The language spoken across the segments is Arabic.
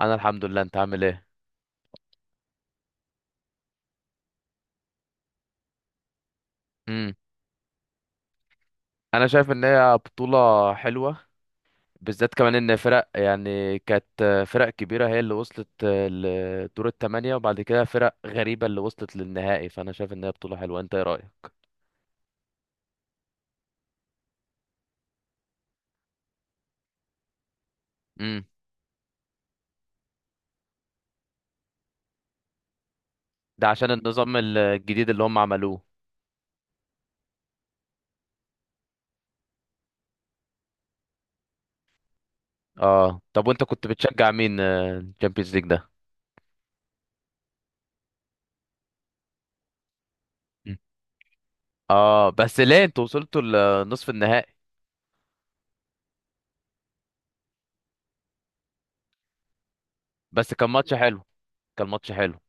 انا الحمد لله، انت عامل ايه؟ امم انا شايف ان هي بطولة حلوة، بالذات كمان ان فرق يعني كانت فرق كبيرة هي اللي وصلت لدور الثمانية، وبعد كده فرق غريبة اللي وصلت للنهائي، فانا شايف ان هي بطولة حلوة. انت ايه رأيك؟ امم ده عشان النظام الجديد اللي هم عملوه. اه، طب وانت كنت بتشجع مين الشامبيونز ليج ده؟ مم. اه بس ليه انتوا وصلتوا لنصف النهائي؟ بس كان ماتش حلو، كان ماتش حلو.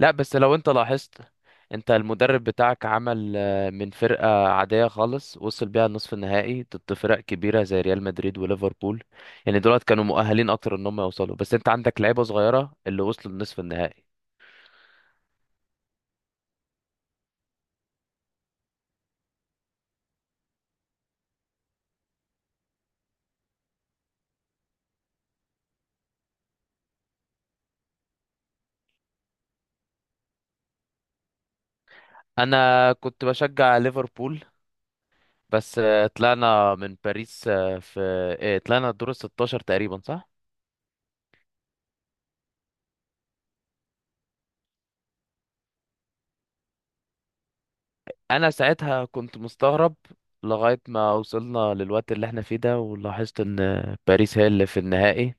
لا بس لو انت لاحظت، انت المدرب بتاعك عمل من فرقة عادية خالص وصل بيها النصف النهائي ضد فرق كبيرة زي ريال مدريد وليفربول. يعني دولت كانوا مؤهلين اكتر ان هم يوصلوا، بس انت عندك لعيبة صغيرة اللي وصلوا لنصف النهائي. انا كنت بشجع ليفربول، بس طلعنا من باريس آه، في آه، طلعنا الدور ال 16 تقريبا، صح؟ انا ساعتها كنت مستغرب لغاية ما وصلنا للوقت اللي احنا فيه ده، ولاحظت ان باريس هي اللي في النهائي.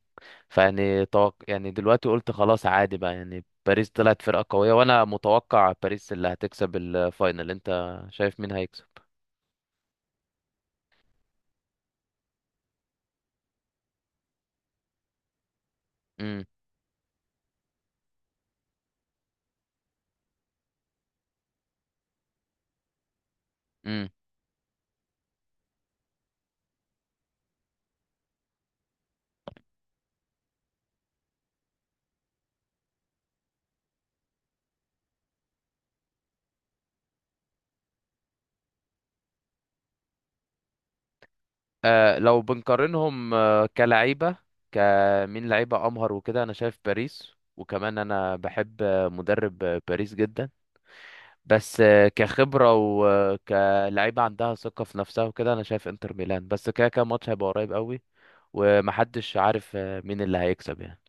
فيعني توق... يعني دلوقتي قلت خلاص، عادي بقى، يعني باريس طلعت فرقة قوية، وانا متوقع باريس اللي هتكسب الفاينل. انت شايف مين هيكسب؟ امم امم لو بنقارنهم كلعيبة، كمين لعيبة امهر وكده انا شايف باريس، وكمان انا بحب مدرب باريس جدا. بس كخبرة وكلعيبة عندها ثقة في نفسها وكده، أنا شايف إنتر ميلان، بس كده كده الماتش هيبقى قريب قوي، ومحدش عارف مين اللي هيكسب يعني.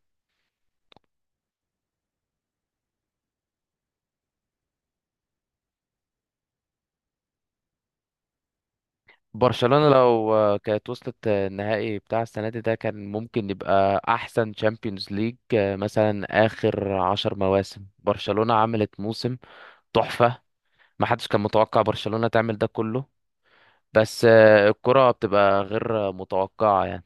برشلونة لو كانت وصلت النهائي بتاع السنة دي، ده كان ممكن يبقى أحسن تشامبيونز ليج. مثلا، آخر 10 مواسم برشلونة عملت موسم تحفة. محدش كان متوقع برشلونة تعمل ده كله، بس الكرة بتبقى غير متوقعة يعني.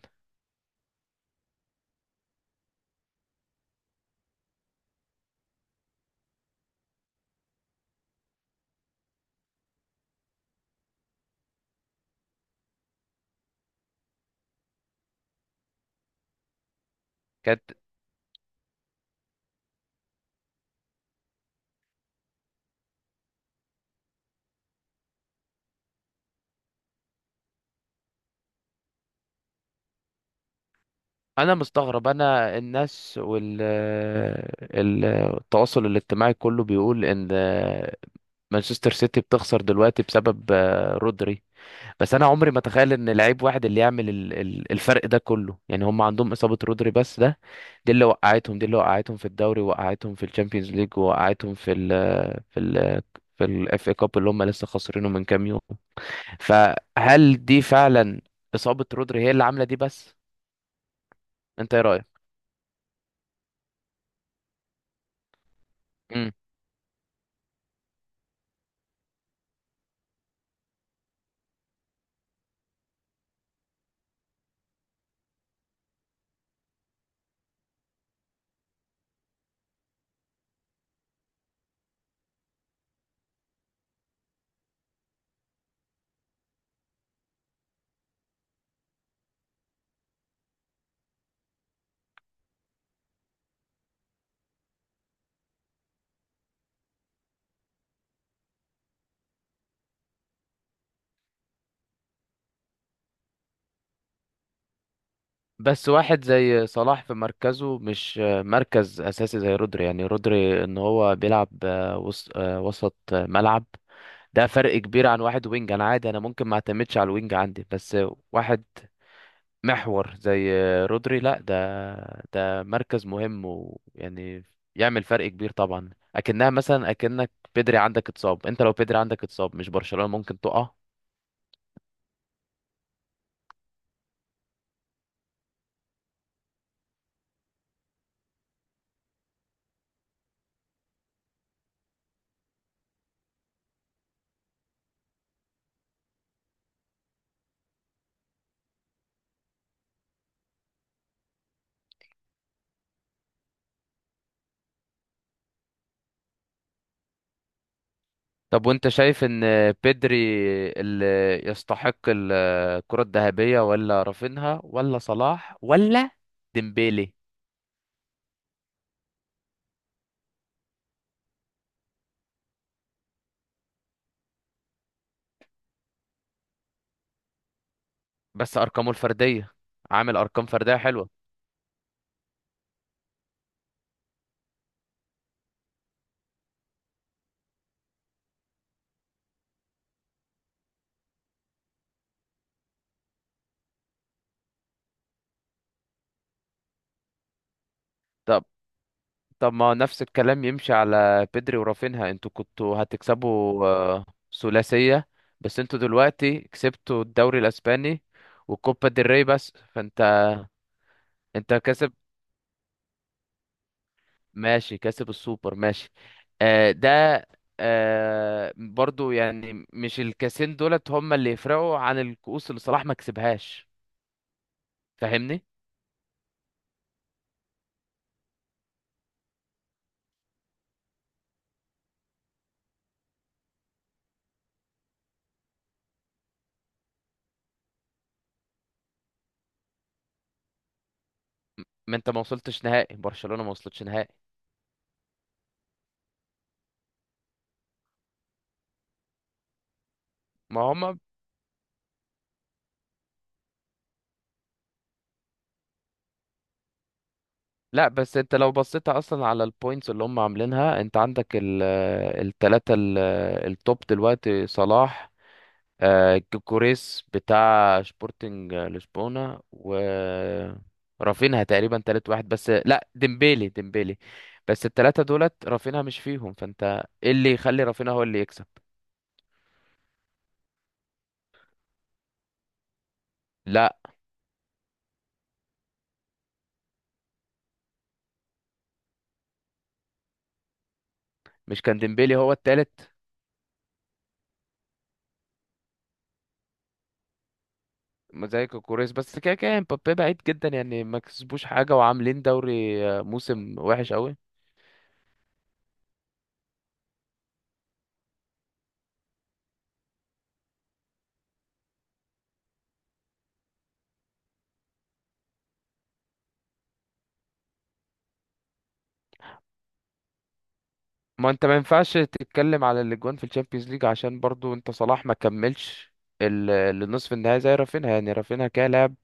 كانت انا مستغرب. انا الناس وال ال- التواصل الاجتماعي كله بيقول ان مانشستر سيتي بتخسر دلوقتي بسبب رودري. بس انا عمري ما اتخيل ان لعيب واحد اللي يعمل الفرق ده كله. يعني هم عندهم اصابة رودري بس ده، دي اللي وقعتهم في الدوري، وقعتهم في الشامبيونز ليج، وقعتهم في ال في الاف اي كاب اللي هم لسه خسرينه من كام يوم. فهل دي فعلا اصابة رودري هي اللي عاملة دي بس؟ انت ايه رأيك؟ بس واحد زي صلاح في مركزه مش مركز اساسي زي رودري. يعني رودري ان هو بيلعب وسط ملعب، ده فرق كبير عن واحد وينج. انا عادي، انا ممكن ما اعتمدش على الوينج عندي، بس واحد محور زي رودري، لا ده مركز مهم، ويعني يعمل فرق كبير طبعا. اكنها مثلا اكنك بيدري عندك اتصاب، انت لو بيدري عندك اتصاب مش برشلونة ممكن تقع؟ طب وانت شايف ان بيدري اللي يستحق الكرة الذهبية، ولا رافينها، ولا صلاح، ولا ديمبيلي؟ بس ارقامه الفردية، عامل ارقام فردية حلوة. طب طب، ما نفس الكلام يمشي على بيدري ورافينها. انتوا كنتوا هتكسبوا ثلاثية، بس انتوا دلوقتي كسبتوا الدوري الاسباني وكوبا ديل ري بس، فانت انت كسب ماشي، كسب السوبر، ماشي. آه ده، آه برضو يعني، مش الكاسين دولت هم اللي يفرقوا عن الكؤوس اللي صلاح ما كسبهاش، فاهمني؟ ما انت ما وصلتش نهائي، برشلونة ما وصلتش نهائي ما هم. لا بس انت لو بصيت اصلا على البوينتس اللي هم عاملينها، انت عندك التلاتة التوب دلوقتي صلاح، كوكوريس بتاع شبورتنج لشبونة، و رافينها تقريبا تالت واحد. بس لا، ديمبيلي، ديمبيلي. بس التلاتة دولت رافينها مش فيهم، فانت ايه اللي يخلي رافينها هو اللي يكسب؟ لا مش كان ديمبيلي هو التالت زي كوكوريس، بس كده كده مبابي بعيد جدا يعني، ما كسبوش حاجة وعاملين دوري، موسم وحش قوي. ما انت ما ينفعش تتكلم على الاجوان في الشامبيونز ليج عشان برضو انت صلاح ما كملش ال- النصف النهائي زي رافينها. يعني رافينها كده لعب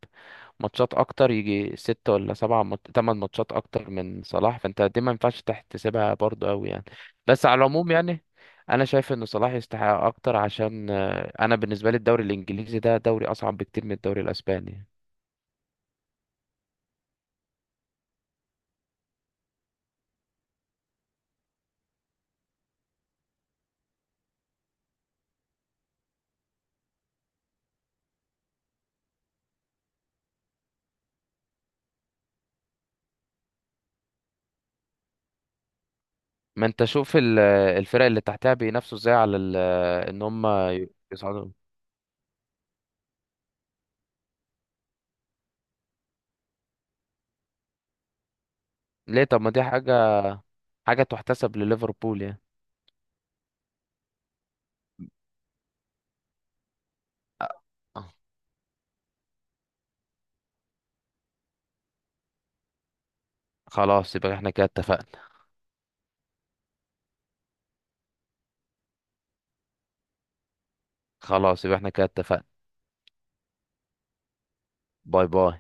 ماتشات اكتر، يجي 6 ولا 7 8 ماتشات اكتر من صلاح، فانت دي ما ينفعش تحتسبها برضه قوي يعني. بس على العموم يعني، انا شايف ان صلاح يستحق اكتر، عشان انا بالنسبة لي الدوري الانجليزي ده دوري اصعب بكتير من الدوري الاسباني. ما انت شوف الفرق اللي تحتها بينافسوا ازاي على ان هم يصعدوا. ليه؟ طب ما دي حاجة، حاجة تحتسب لليفربول يعني. أ- خلاص، يبقى احنا كده اتفقنا. خلاص، يبقى احنا كده اتفقنا. باي باي.